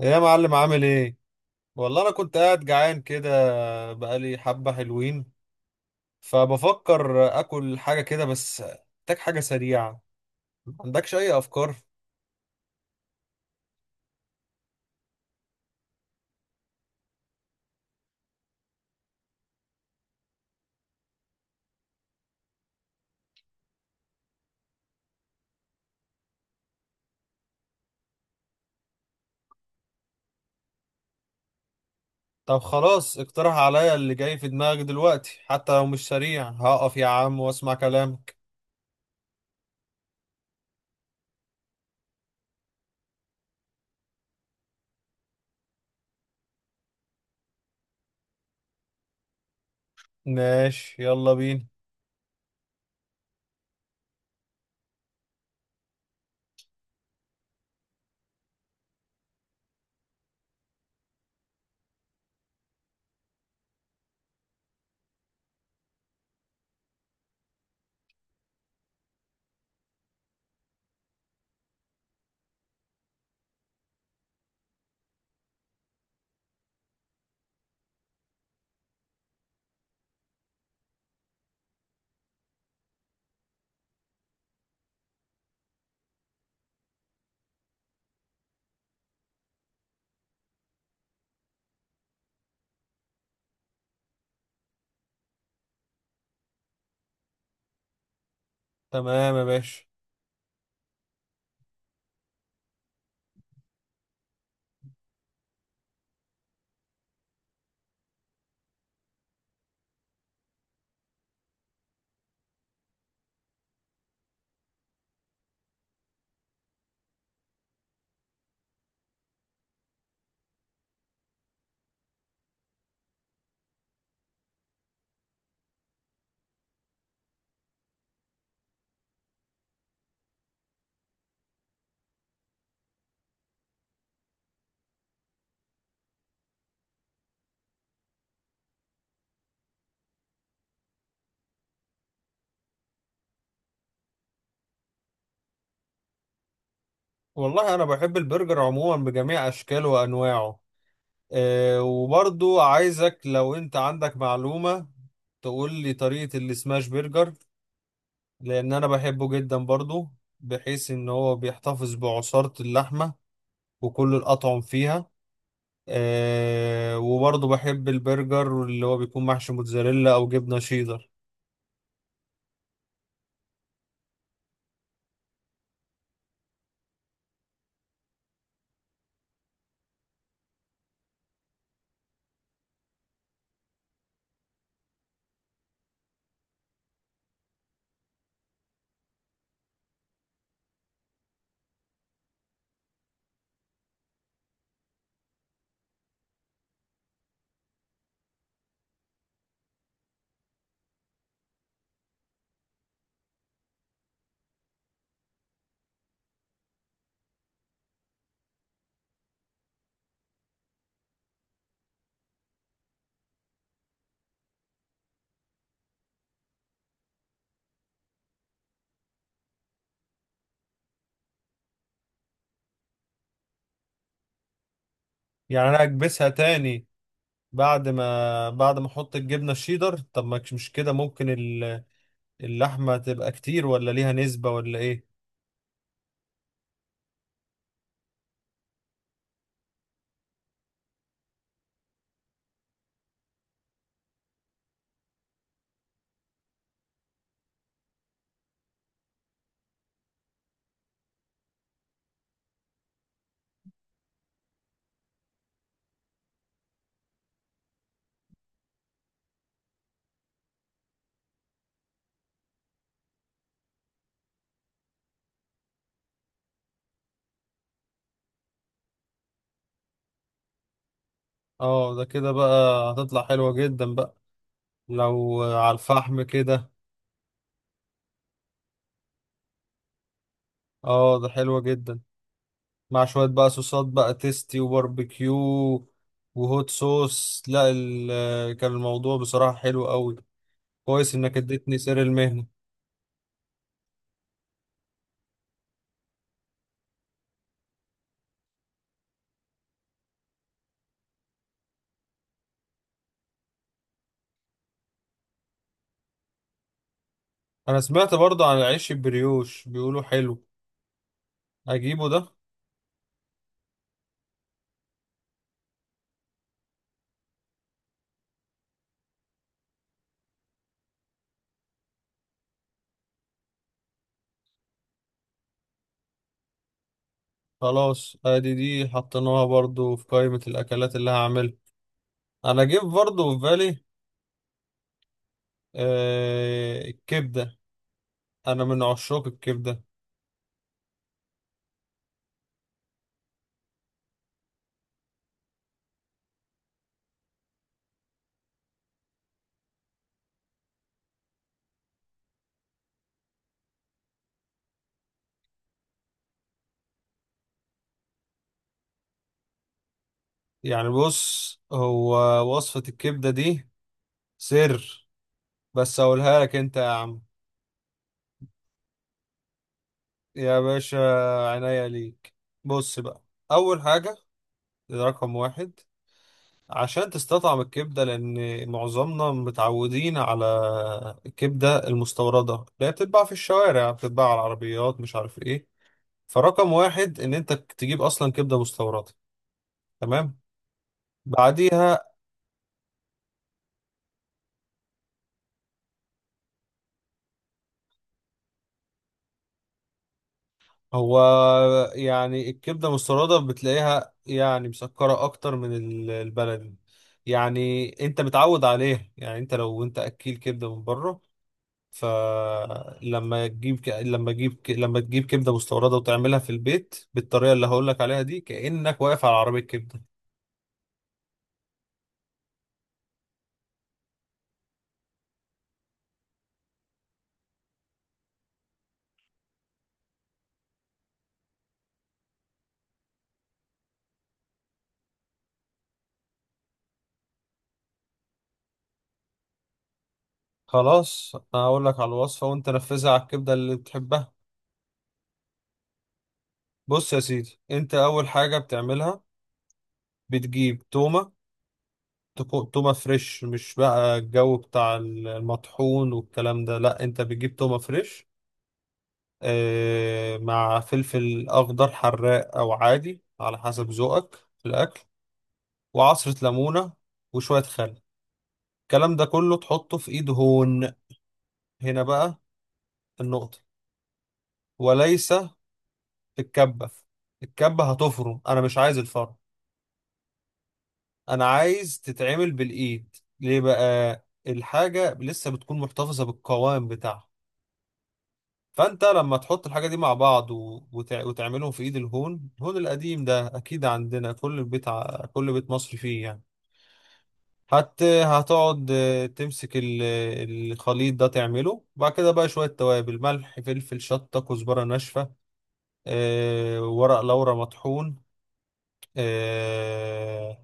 يا معلم عامل ايه؟ والله انا كنت قاعد جعان كده، بقالي حبة حلوين، فبفكر اكل حاجة كده، بس محتاج حاجة سريعة. ما عندكش اي افكار؟ طب خلاص اقترح عليا اللي جاي في دماغك دلوقتي، حتى لو مش سريع هقف يا عم واسمع كلامك. ماشي يلا بينا. تمام يا باشا. والله انا بحب البرجر عموما بجميع اشكاله وانواعه. أه، وبرضو عايزك لو انت عندك معلومة تقول لي طريقة السماش برجر، لان انا بحبه جدا برضو، بحيث ان هو بيحتفظ بعصارة اللحمة وكل الاطعم فيها. أه، وبرضو بحب البرجر اللي هو بيكون محشي موتزاريلا او جبنة شيدر. يعني انا اكبسها تاني بعد ما احط الجبنة الشيدر؟ طب ما كش- مش كده ممكن اللحمة تبقى كتير، ولا ليها نسبة ولا ايه؟ اه ده كده بقى هتطلع حلوة جدا بقى، لو على الفحم كده. اه ده حلوة جدا مع شوية بقى صوصات بقى، تيستي وباربيكيو وهوت صوص، لا ال- كان الموضوع بصراحة حلو قوي. كويس انك اديتني سر المهنة. انا سمعت برضه عن العيش البريوش، بيقولوا حلو، اجيبه ده؟ خلاص ادي دي حطيناها برضه في قائمة الاكلات اللي هعملها. انا جيب برضه في بالي. آه، الكبدة، انا من عشاق الكبدة. يعني بص، هو وصفة الكبدة دي سر، بس اقولها لك انت يا عم. يا باشا، عناية ليك. بص بقى، أول حاجة، ده رقم واحد عشان تستطعم الكبدة، لأن معظمنا متعودين على الكبدة المستوردة اللي هي بتتباع في الشوارع، بتتباع على العربيات، مش عارف إيه. فرقم واحد إن أنت تجيب أصلا كبدة مستوردة، تمام. بعديها، هو يعني الكبدة المستوردة بتلاقيها يعني مسكرة أكتر من البلدي، يعني أنت متعود عليها. يعني أنت لو أنت أكيل كبدة من بره، فلما تجيب ك... لما تجيب ك... لما تجيب كبده مستورده وتعملها في البيت بالطريقه اللي هقول لك عليها دي، كانك واقف على عربيه كبده. خلاص انا هقول لك على الوصفه وانت نفذها على الكبده اللي بتحبها. بص يا سيدي، انت اول حاجه بتعملها بتجيب تومه. تومه فريش، مش بقى الجو بتاع المطحون والكلام ده، لا انت بتجيب تومه فريش. مع فلفل اخضر حراق او عادي على حسب ذوقك في الاكل، وعصرة ليمونة، وشوية خل. الكلام ده كله تحطه في ايد هون. هنا بقى النقطة، وليس في الكبة. الكبة هتفرم، انا مش عايز الفرم، انا عايز تتعمل بالايد. ليه بقى؟ الحاجة لسه بتكون محتفظة بالقوام بتاعها. فانت لما تحط الحاجة دي مع بعض وتعملهم في ايد الهون، الهون القديم ده اكيد عندنا كل بيت، كل بيت مصري فيه يعني. حتى هتقعد تمسك الخليط ده، تعمله بعد كده بقى شوية توابل، ملح فلفل شطة كزبرة ناشفة، ورق لورا مطحون. آه،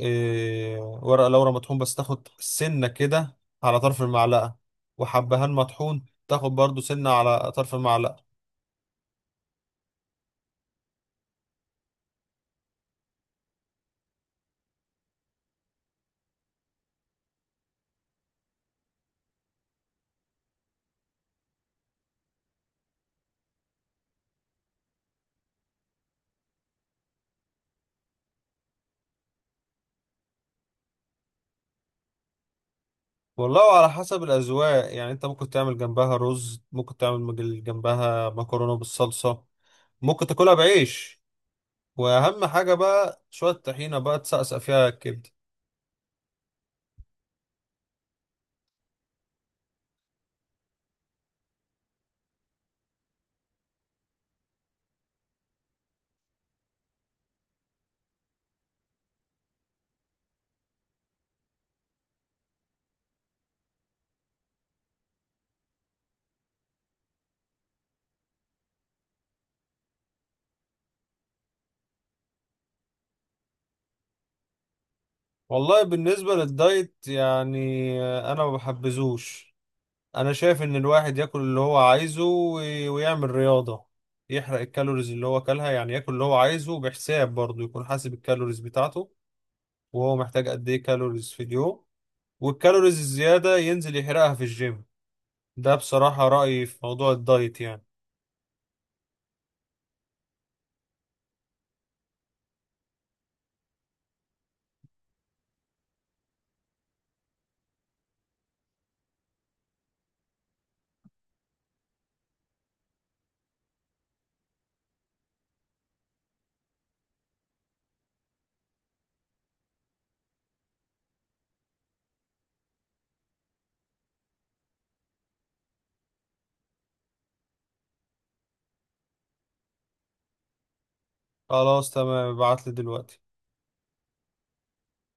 ورق لورا مطحون بس تاخد سنة كده على طرف المعلقة، وحبهان مطحون تاخد برضو سنة على طرف المعلقة. والله على حسب الأذواق، يعني أنت ممكن تعمل جنبها رز، ممكن تعمل جنبها مكرونة بالصلصة، ممكن تاكلها بعيش. واهم حاجه بقى شويه طحينه بقى تسقسق فيها الكبده. والله بالنسبه للدايت يعني انا ما بحبذوش. انا شايف ان الواحد ياكل اللي هو عايزه، ويعمل رياضه يحرق الكالوريز اللي هو اكلها. يعني ياكل اللي هو عايزه بحساب، برضه يكون حاسب الكالوريز بتاعته وهو محتاج قد ايه كالوريز في اليوم، والكالوريز الزياده ينزل يحرقها في الجيم. ده بصراحه رايي في موضوع الدايت يعني. خلاص تمام، ابعتلي دلوقتي.